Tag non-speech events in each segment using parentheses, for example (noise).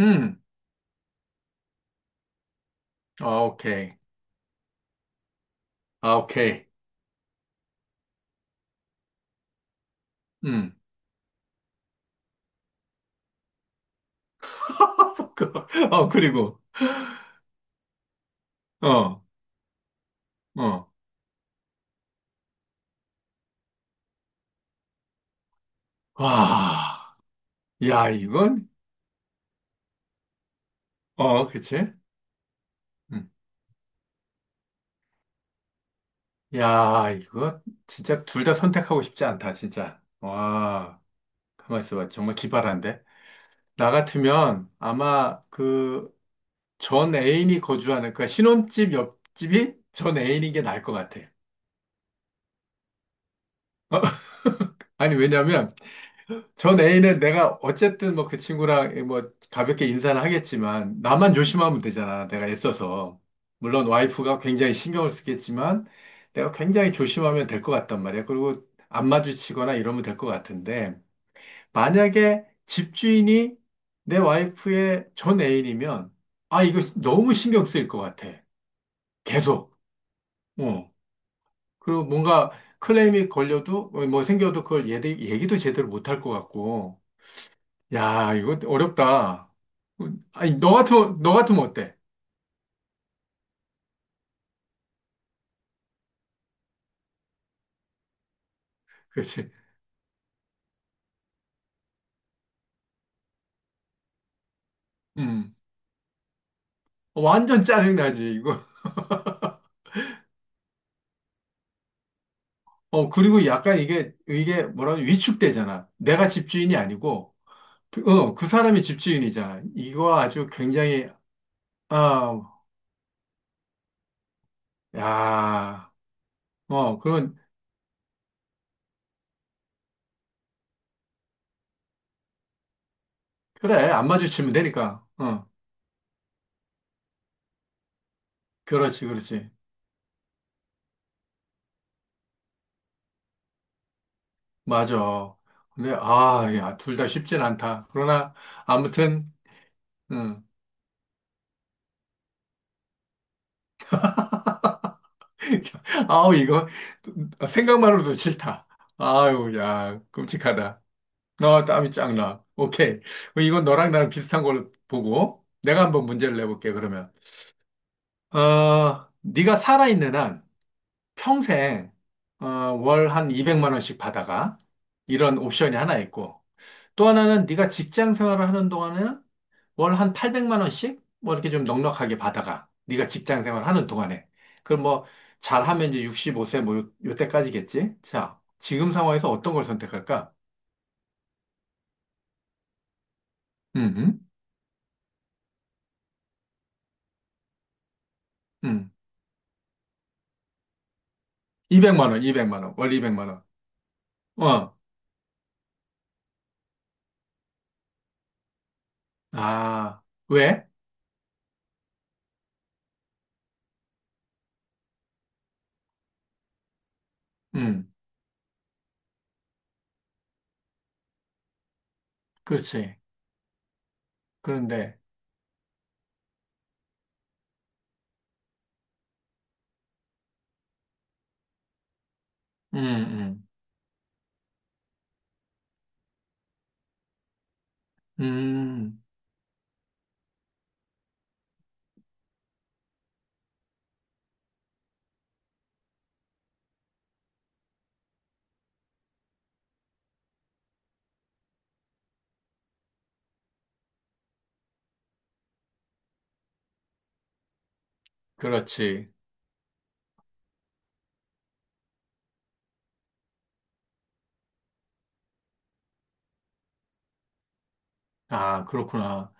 음, 아, 오케이. 아, 오케이. 음. (laughs) 그- 그리고, 어, 어. 와, 야, 이건, 어, 그치? 음. 야, 이거 진짜 둘 다 선택하고 싶지 않다, 진짜. 와, 가만 있어봐. 정말 기발한데? 나 같으면 아마 그 전 애인이 거주하는, 그 신혼집 옆집이 전 애인인 게 나을 것 같아. (laughs) 아니, 왜냐면, 전 애인은 내가 어쨌든 뭐 그 친구랑 뭐 가볍게 인사는 하겠지만 나만 조심하면 되잖아. 내가 애써서. 물론 와이프가 굉장히 신경을 쓰겠지만 내가 굉장히 조심하면 될 것 같단 말이야. 그리고 안 마주치거나 이러면 될 것 같은데 만약에 집주인이 내 와이프의 전 애인이면 아, 이거 너무 신경 쓰일 것 같아. 계속. 어. 그리고 뭔가 클레임이 걸려도 어, 뭐 생겨도 그걸 얘기도 제대로 못 할 것 같고 야, 이거 어렵다. 아니, 너 같으면 어때? 그렇지. 음. 어, 완전 짜증나지, 이거. 어, 그리고 약간 이게 뭐라 고 위축되잖아. 내가 집주인이 아니고, 어, 그 사람이 집주인이잖아. 이거 아주 굉장히, 아, 야, 어, 그런, 그래, 안 마주치면 되니까. 어, 그렇지. 맞아. 근데, 아, 야, 둘 다 쉽진 않다. 그러나, 아무튼, 음. (laughs) 아우, 이거, 생각만으로도 싫다. 아유, 야, 끔찍하다. 너 땀이 쫙 나. 오케이. 그럼 이건 너랑 나랑 비슷한 걸 보고, 내가 한번 문제를 내볼게, 그러면. 어, 네가 살아있는 한 평생, 어, 월 한 200만 원씩 받아가. 이런 옵션이 하나 있고, 또 하나는 네가 직장 생활을 하는 동안에는 월 한 800만 원씩 뭐 이렇게 좀 넉넉하게 받아가. 네가 직장 생활 하는 동안에. 그럼 뭐 잘하면 이제 65세 뭐 요, 요때까지겠지? 자, 지금 상황에서 어떤 걸 선택할까? 음. 음. 200만 원. 월 200만 원. 어. 아, 왜? 음. 그렇지. 그런데 음, 음. 음. 그렇지. 아, 그렇구나.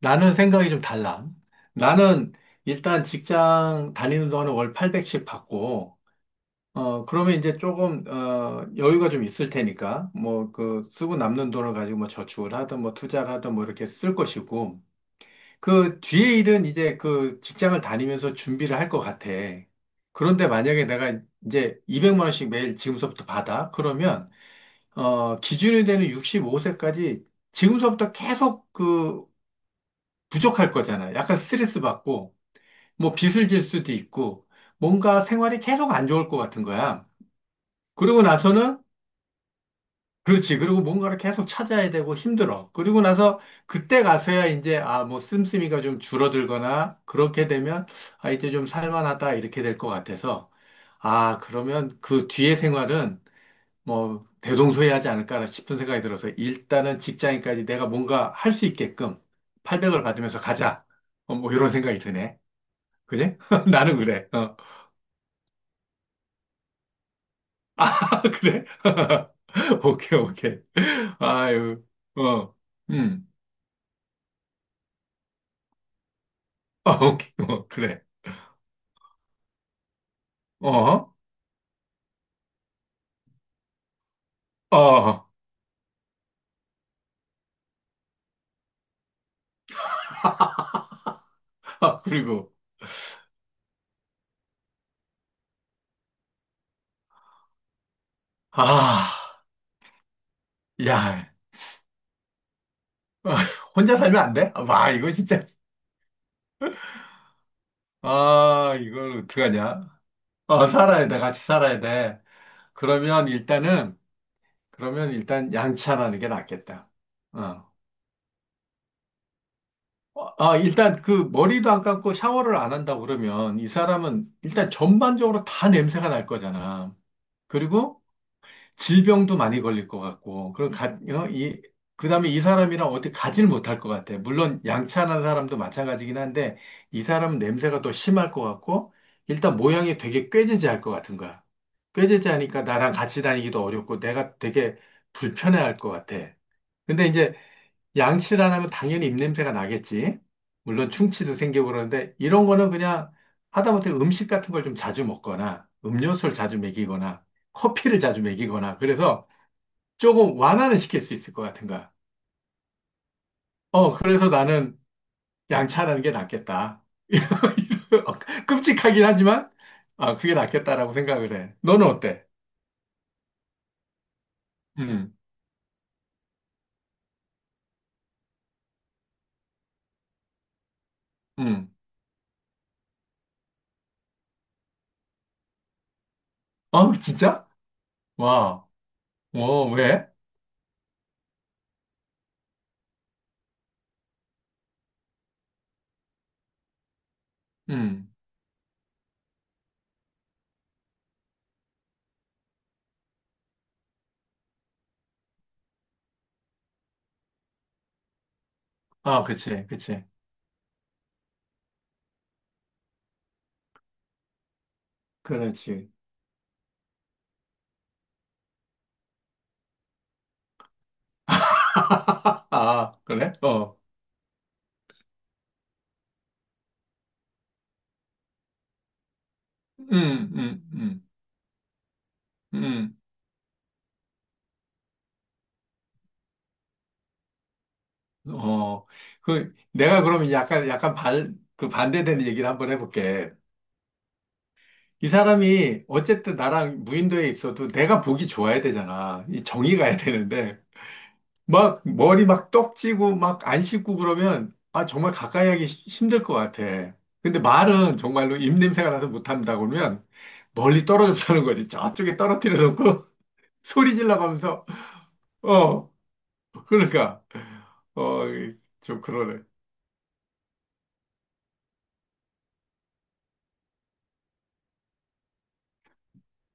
나는 생각이 좀 달라. 나는 일단 직장 다니는 동안에 월 800씩 받고 어, 그러면 이제 조금, 어, 여유가 좀 있을 테니까, 뭐, 그, 쓰고 남는 돈을 가지고 뭐 저축을 하든 뭐 투자를 하든 뭐 이렇게 쓸 것이고, 그 뒤에 일은 이제 그 직장을 다니면서 준비를 할 것 같아. 그런데 만약에 내가 이제 200만 원씩 매일 지금서부터 받아? 그러면, 어, 기준이 되는 65세까지 지금서부터 계속 그 부족할 거잖아. 약간 스트레스 받고, 뭐 빚을 질 수도 있고, 뭔가 생활이 계속 안 좋을 것 같은 거야. 그러고 나서는 그렇지. 그리고 뭔가를 계속 찾아야 되고 힘들어. 그리고 나서 그때 가서야 이제, 아, 뭐, 씀씀이가 좀 줄어들거나, 그렇게 되면, 아, 이제 좀 살만하다, 이렇게 될 것 같아서, 아, 그러면 그 뒤의 생활은 뭐, 대동소이하지 않을까 싶은 생각이 들어서, 일단은 직장인까지 내가 뭔가 할 수 있게끔 800을 받으면서 가자. 어, 뭐, 이런 생각이 드네. 그지? (laughs) 나는 그래. 어. 아, (laughs) 그래? (laughs) 오케이. 아유, 어. 음. 아, 오케이. 어, 그래. 어? 어. 어. 아, 그리고. 아, 야. 아, 혼자 살면 안 돼? 아, 와, 이거 진짜. 아, 이걸 어떡하냐? 어, 살아야 돼. 같이 살아야 돼. 그러면 일단은, 그러면 일단 양치하는 게 낫겠다. 어. 아, 일단 그 머리도 안 감고 샤워를 안 한다고 그러면 이 사람은 일단 전반적으로 다 냄새가 날 거잖아. 그리고 질병도 많이 걸릴 것 같고, 그리고 그 다음에 이 사람이랑 어떻게 가지를 못할 것 같아. 물론 양치하는 사람도 마찬가지긴 한데, 이 사람은 냄새가 더 심할 것 같고, 일단 모양이 되게 꾀지지할 것 같은 거야. 꾀지지하니까 나랑 같이 다니기도 어렵고, 내가 되게 불편해할 것 같아. 근데 이제 양치를 안 하면 당연히 입냄새가 나겠지. 물론 충치도 생기고 그러는데 이런 거는 그냥 하다못해 음식 같은 걸 좀 자주 먹거나 음료수를 자주 먹이거나 커피를 자주 먹이거나 그래서 조금 완화는 시킬 수 있을 것 같은 거야. 어, 그래서 나는 양치하는 게 낫겠다. (laughs) 어, 끔찍하긴 하지만 아, 그게 낫겠다라고 생각을 해. 너는 어때? 음, 음. 아, 진짜? 와, 어, 왜? 음. 아, 그치. 그렇지. (laughs) 아, 그래? 어. 음, 음, 음, 음. 어. 그, 내가 그러면 약간 발, 그 반대되는 얘기를 한번 해볼게. 이 사람이 어쨌든 나랑 무인도에 있어도 내가 보기 좋아야 되잖아. 이 정이 가야 되는데. 막, 머리 막 떡지고 막 안 씻고 그러면, 아, 정말 가까이 하기 힘들 것 같아. 근데 말은 정말로 입냄새가 나서 못한다 그러면 멀리 떨어져 서 하는 거지. 저쪽에 떨어뜨려 놓고 (laughs) 소리 질러가면서, 어. (laughs) 그러니까 어, 좀 그러네.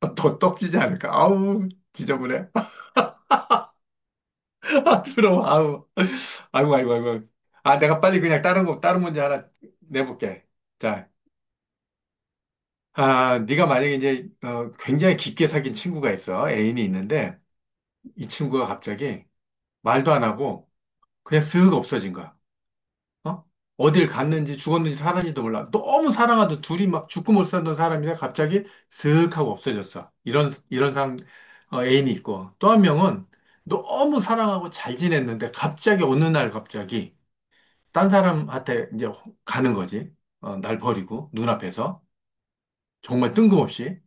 아, 더 떡지지 않을까? 아우, 지저분해. (laughs) 부러워, 아우. 아이고, 아이고, 아이고. 아, 내가 빨리 그냥 다른 문제 하나 내볼게. 자, 아, 네가 만약에 이제 어, 굉장히 깊게 사귄 친구가 있어. 애인이 있는데 이 친구가 갑자기 말도 안 하고 그냥 쓱 없어진 거야. 어? 어딜 갔는지 죽었는지 살았는지도 몰라. 너무 사랑하던 둘이 막 죽고 못 살던 사람이 갑자기 슥 하고 없어졌어. 이런 상, 어, 애인이 있고. 또 한 명은 너무 사랑하고 잘 지냈는데 갑자기 어느 날 갑자기 딴 사람한테 이제 가는 거지. 어, 날 버리고 눈앞에서. 정말 뜬금없이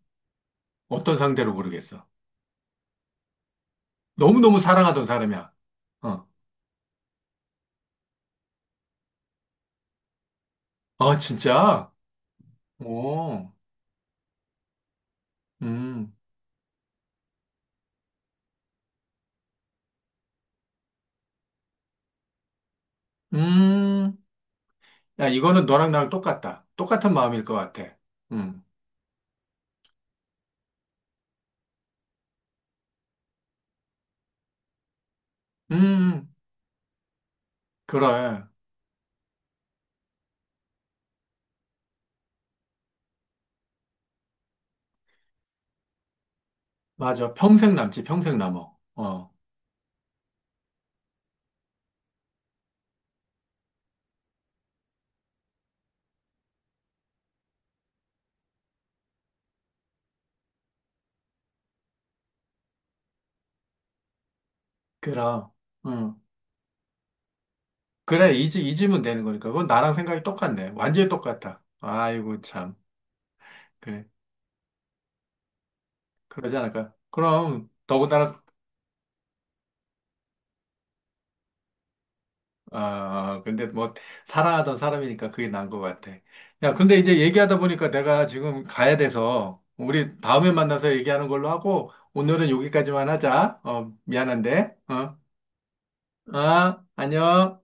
어떤 상대로 모르겠어. 너무너무 사랑하던 사람이야. 어. 아, 진짜? 오, 음, 음. 야, 이거는 너랑 나랑 똑같다. 똑같은 마음일 것 같아. 음, 음, 그래. 맞아. 평생 남지, 평생 남어. 어, 그럼. 음, 그래, 잊으면 되는 거니까. 그건 나랑 생각이 똑같네. 완전히 똑같다. 아이고, 참. 그래. 그러지 않을까? 그럼, 더군다나, 아, 근데 뭐, 사랑하던 사람이니까 그게 난 것 같아. 야, 근데 이제 얘기하다 보니까 내가 지금 가야 돼서, 우리 다음에 만나서 얘기하는 걸로 하고, 오늘은 여기까지만 하자. 어, 미안한데. 어. 아, 안녕.